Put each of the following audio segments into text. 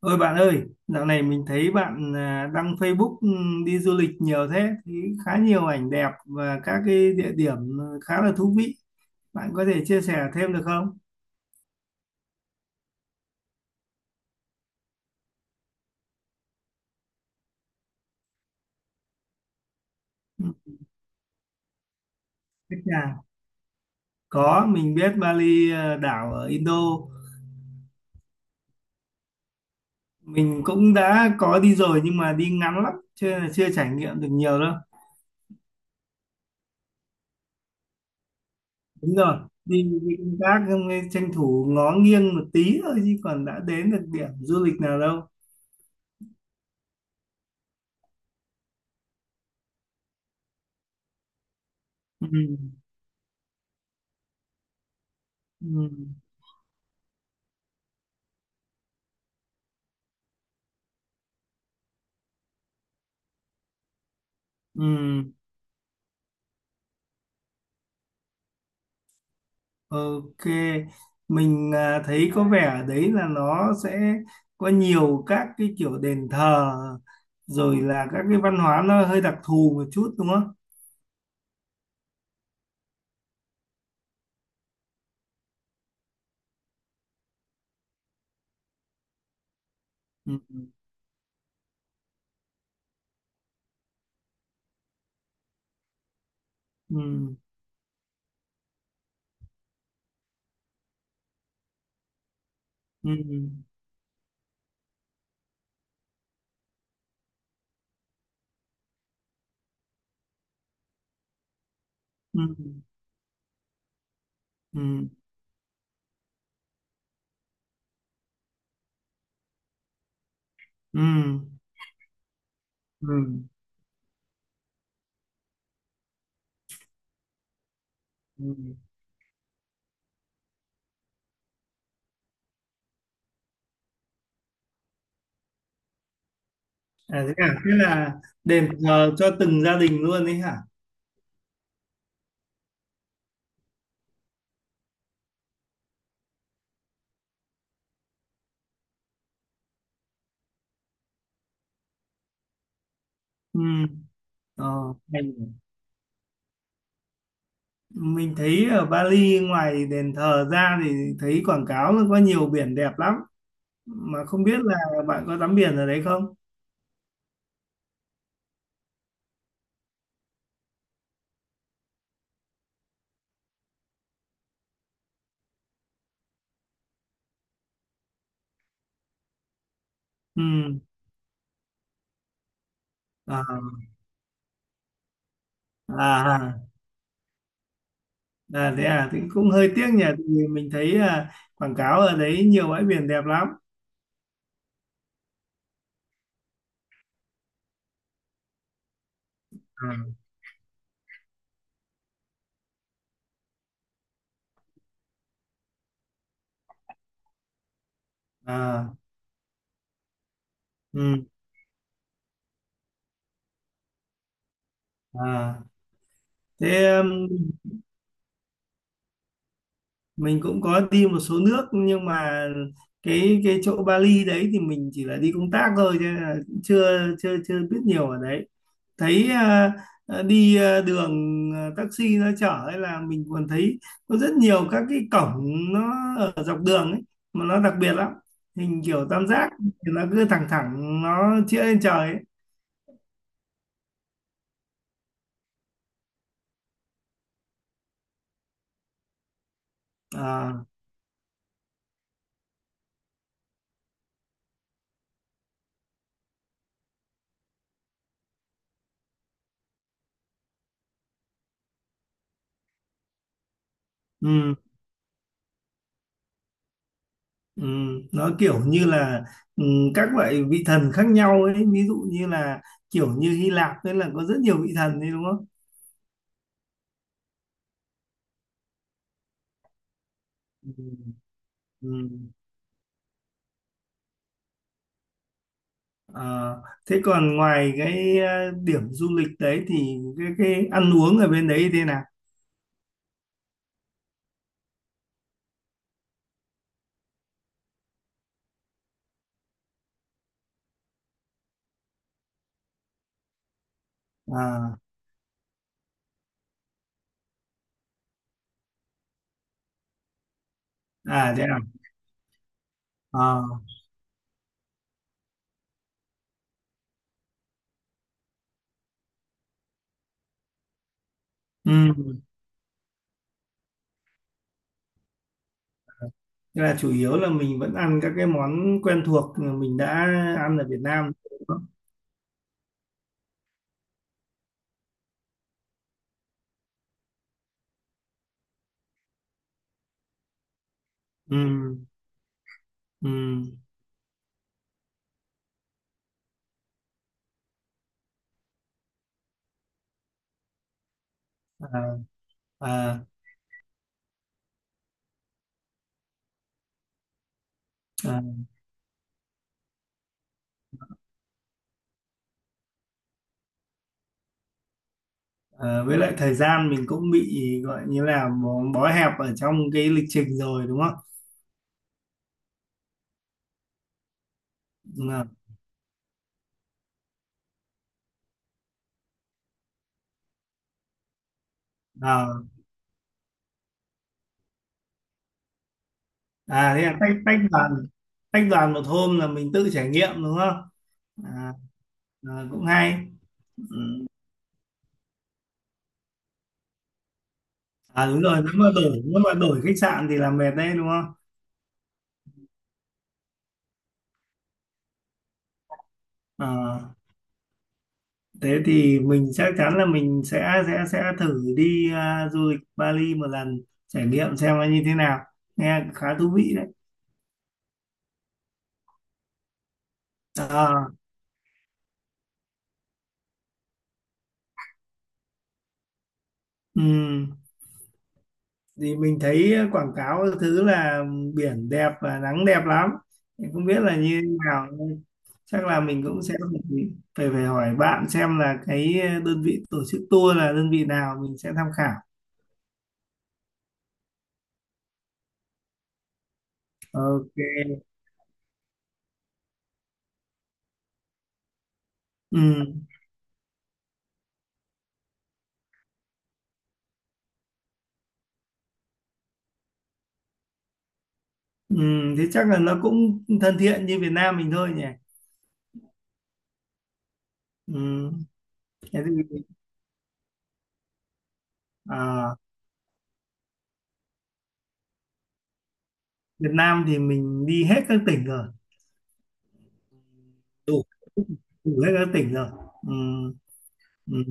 Ôi bạn ơi, dạo này mình thấy bạn đăng Facebook, đi du lịch nhiều thế, thì khá nhiều ảnh đẹp và các cái địa điểm khá là thú vị. Bạn có thể chia sẻ thêm được không? Ừ. Thích nhà. Có, mình biết Bali đảo ở Indo. Mình cũng đã có đi rồi nhưng mà đi ngắn lắm, chưa chưa trải nghiệm được nhiều đâu. Đúng rồi, đi công tác xong rồi tranh thủ ngó nghiêng một tí thôi chứ còn đã đến được điểm du lịch nào đâu. Ừ. Ừ. Ừ. Ok, mình thấy có vẻ ở đấy là nó sẽ có nhiều các cái kiểu đền thờ rồi là các cái văn hóa nó hơi đặc thù một chút đúng không? Ừ, ừ, ừ, ừ, ừ, ừ, ừ, ừ. Ừ. À? Thế là đền thờ cho từng gia đình luôn đấy hả? Ừ. Ờ, hay nhỉ. Mình thấy ở Bali ngoài đền thờ ra thì thấy quảng cáo nó có nhiều biển đẹp lắm. Mà không biết là bạn có tắm biển ở đấy không? Ừ. À, à, à, à, thế à thì cũng hơi tiếc nhỉ, tại vì mình thấy quảng cáo ở đấy nhiều bãi biển đẹp lắm. À, à. Ừ. À thế um, mình cũng có đi một số nước nhưng mà cái chỗ Bali đấy thì mình chỉ là đi công tác thôi cho nên là chưa chưa chưa biết nhiều ở đấy. Thấy đi đường, taxi nó chở ấy là mình còn thấy có rất nhiều các cái cổng, nó ở dọc đường ấy mà nó đặc biệt lắm, hình kiểu tam giác thì nó cứ thẳng thẳng nó chĩa lên trời ấy. À, ừ. Ừ, nó kiểu như là, ừ, các loại vị thần khác nhau ấy, ví dụ như là kiểu như Hy Lạp ấy là có rất nhiều vị thần đấy đúng không? Ừ. Ừ. Ờ, thế còn ngoài cái điểm du lịch đấy thì cái ăn uống ở bên đấy thế nào? À, à thế à? Ờ, ừ. Thế là chủ yếu là mình vẫn ăn các cái món quen thuộc mà mình đã ăn ở Việt Nam đúng không? Ừ. Ừ. À, à, à. Ờ, với lại thời gian mình cũng bị gọi như là bó hẹp ở trong cái lịch trình rồi đúng không? Đúng rồi. Ờ. À thế là tách tách đoàn, tách đoàn một hôm là mình tự trải nghiệm đúng không? À, ờ, cũng hay. À đúng rồi, nếu mà đổi khách sạn thì là mệt đấy đúng không? Ờ, thế thì mình chắc chắn là mình sẽ thử đi du lịch Bali một lần, trải nghiệm xem nó như thế nào. Nghe khá thú vị đấy. Ờ. Ừ. Thì mình thấy quảng cáo thứ là biển đẹp và nắng đẹp lắm, thì không biết là như thế nào. Chắc là mình cũng sẽ phải phải phải hỏi bạn xem là cái đơn vị tổ chức tour là đơn vị nào mình sẽ tham khảo. Ok. Ừ, ừ. Thế chắc là nó cũng thân thiện như Việt Nam mình thôi nhỉ. Ừ. Thế thì à, Việt Nam thì mình đi hết các tỉnh rồi, đủ đủ hết các tỉnh rồi. Ừ. Ừ.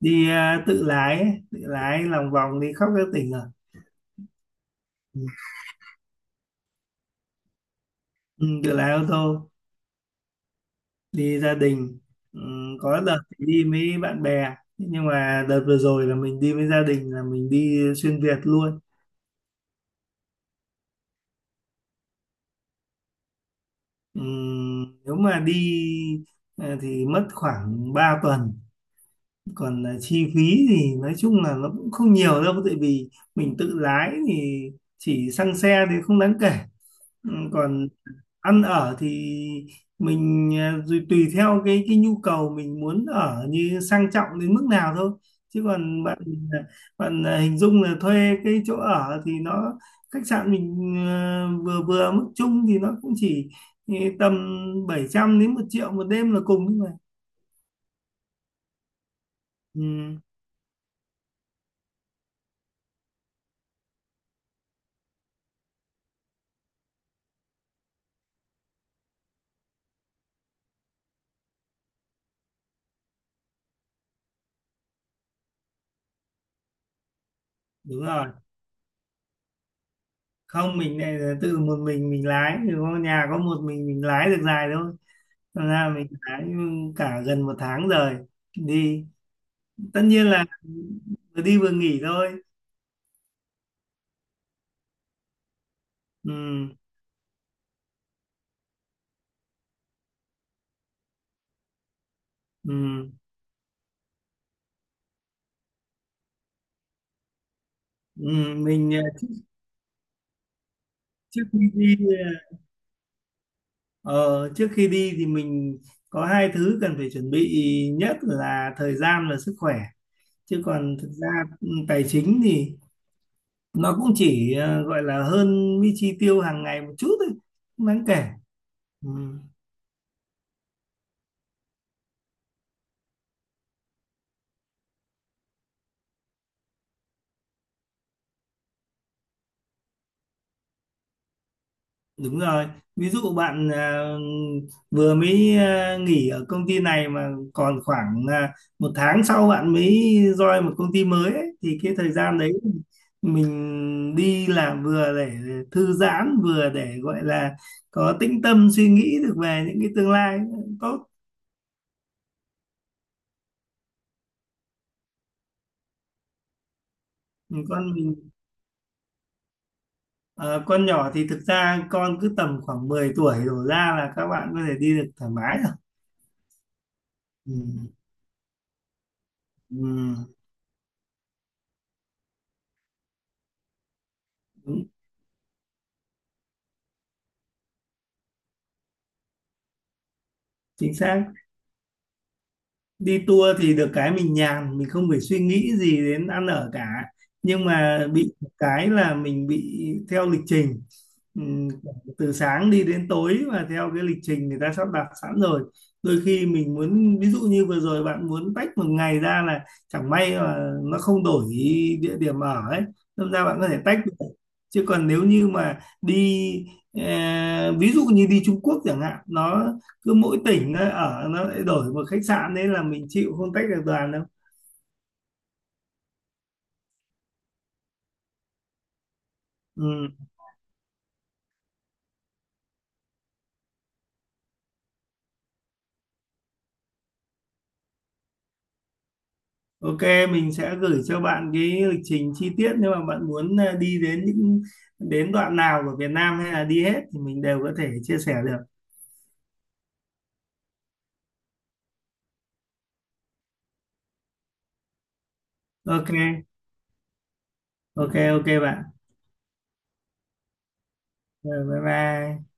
Đi tự lái ấy, tự lái lòng vòng đi khắp các tỉnh rồi. Ừ. Ừ, tự lái ô tô, đi gia đình. Ừ, có đợt thì đi với bạn bè nhưng mà đợt vừa rồi là mình đi với gia đình là mình đi xuyên Việt luôn. Ừ, nếu mà đi thì mất khoảng 3 tuần. Còn chi phí thì nói chung là nó cũng không nhiều đâu, tại vì mình tự lái thì chỉ xăng xe thì không đáng kể. Ừ, còn ăn ở thì mình rồi tùy theo cái nhu cầu mình muốn ở như sang trọng đến mức nào thôi, chứ còn bạn à, bạn à, hình dung là thuê cái chỗ ở thì nó, khách sạn mình vừa vừa mức chung thì nó cũng chỉ tầm 700 đến 1.000.000 một đêm là cùng thôi mà. Ừ, đúng rồi. Không mình này là tự một mình lái thì có nhà có một mình lái được dài thôi. Thành ra mình lái cả gần một tháng rồi đi, tất nhiên là vừa đi vừa nghỉ thôi. Ừ, ừ, ừ. Mình trước khi đi ờ, trước khi đi thì mình có hai thứ cần phải chuẩn bị, nhất là thời gian và sức khỏe, chứ còn thực ra, ừ, tài chính thì nó cũng chỉ gọi là hơn cái chi tiêu hàng ngày một chút thôi, không đáng kể. Ừ. Đúng rồi, ví dụ bạn vừa mới nghỉ ở công ty này mà còn khoảng một tháng sau bạn mới join một công ty mới ấy, thì cái thời gian đấy mình đi làm vừa để thư giãn vừa để gọi là có tĩnh tâm suy nghĩ được về những cái tương lai tốt. Con mình con nhỏ thì thực ra con cứ tầm khoảng 10 tuổi đổ ra là các bạn có thể đi được thoải mái rồi. Ừ, ừ, đúng, chính xác. Đi tour thì được cái mình nhàn, mình không phải suy nghĩ gì đến ăn ở cả, nhưng mà bị một cái là mình bị theo lịch trình. Ừm, Từ sáng đi đến tối và theo cái lịch trình người ta sắp đặt sẵn rồi, đôi khi mình muốn, ví dụ như vừa rồi bạn muốn tách một ngày ra là chẳng may mà nó không đổi địa điểm ở ấy nên ra bạn có thể tách được, chứ còn nếu như mà đi ví dụ như đi Trung Quốc chẳng hạn, nó cứ mỗi tỉnh nó ở nó lại đổi một khách sạn đấy là mình chịu không tách được đoàn đâu. Ừ. Ok, mình sẽ gửi cho bạn cái lịch trình chi tiết, nếu mà bạn muốn đi đến những đến đoạn nào của Việt Nam hay là đi hết thì mình đều có thể chia sẻ được. Ok ok ok bạn. Rồi, bye bye.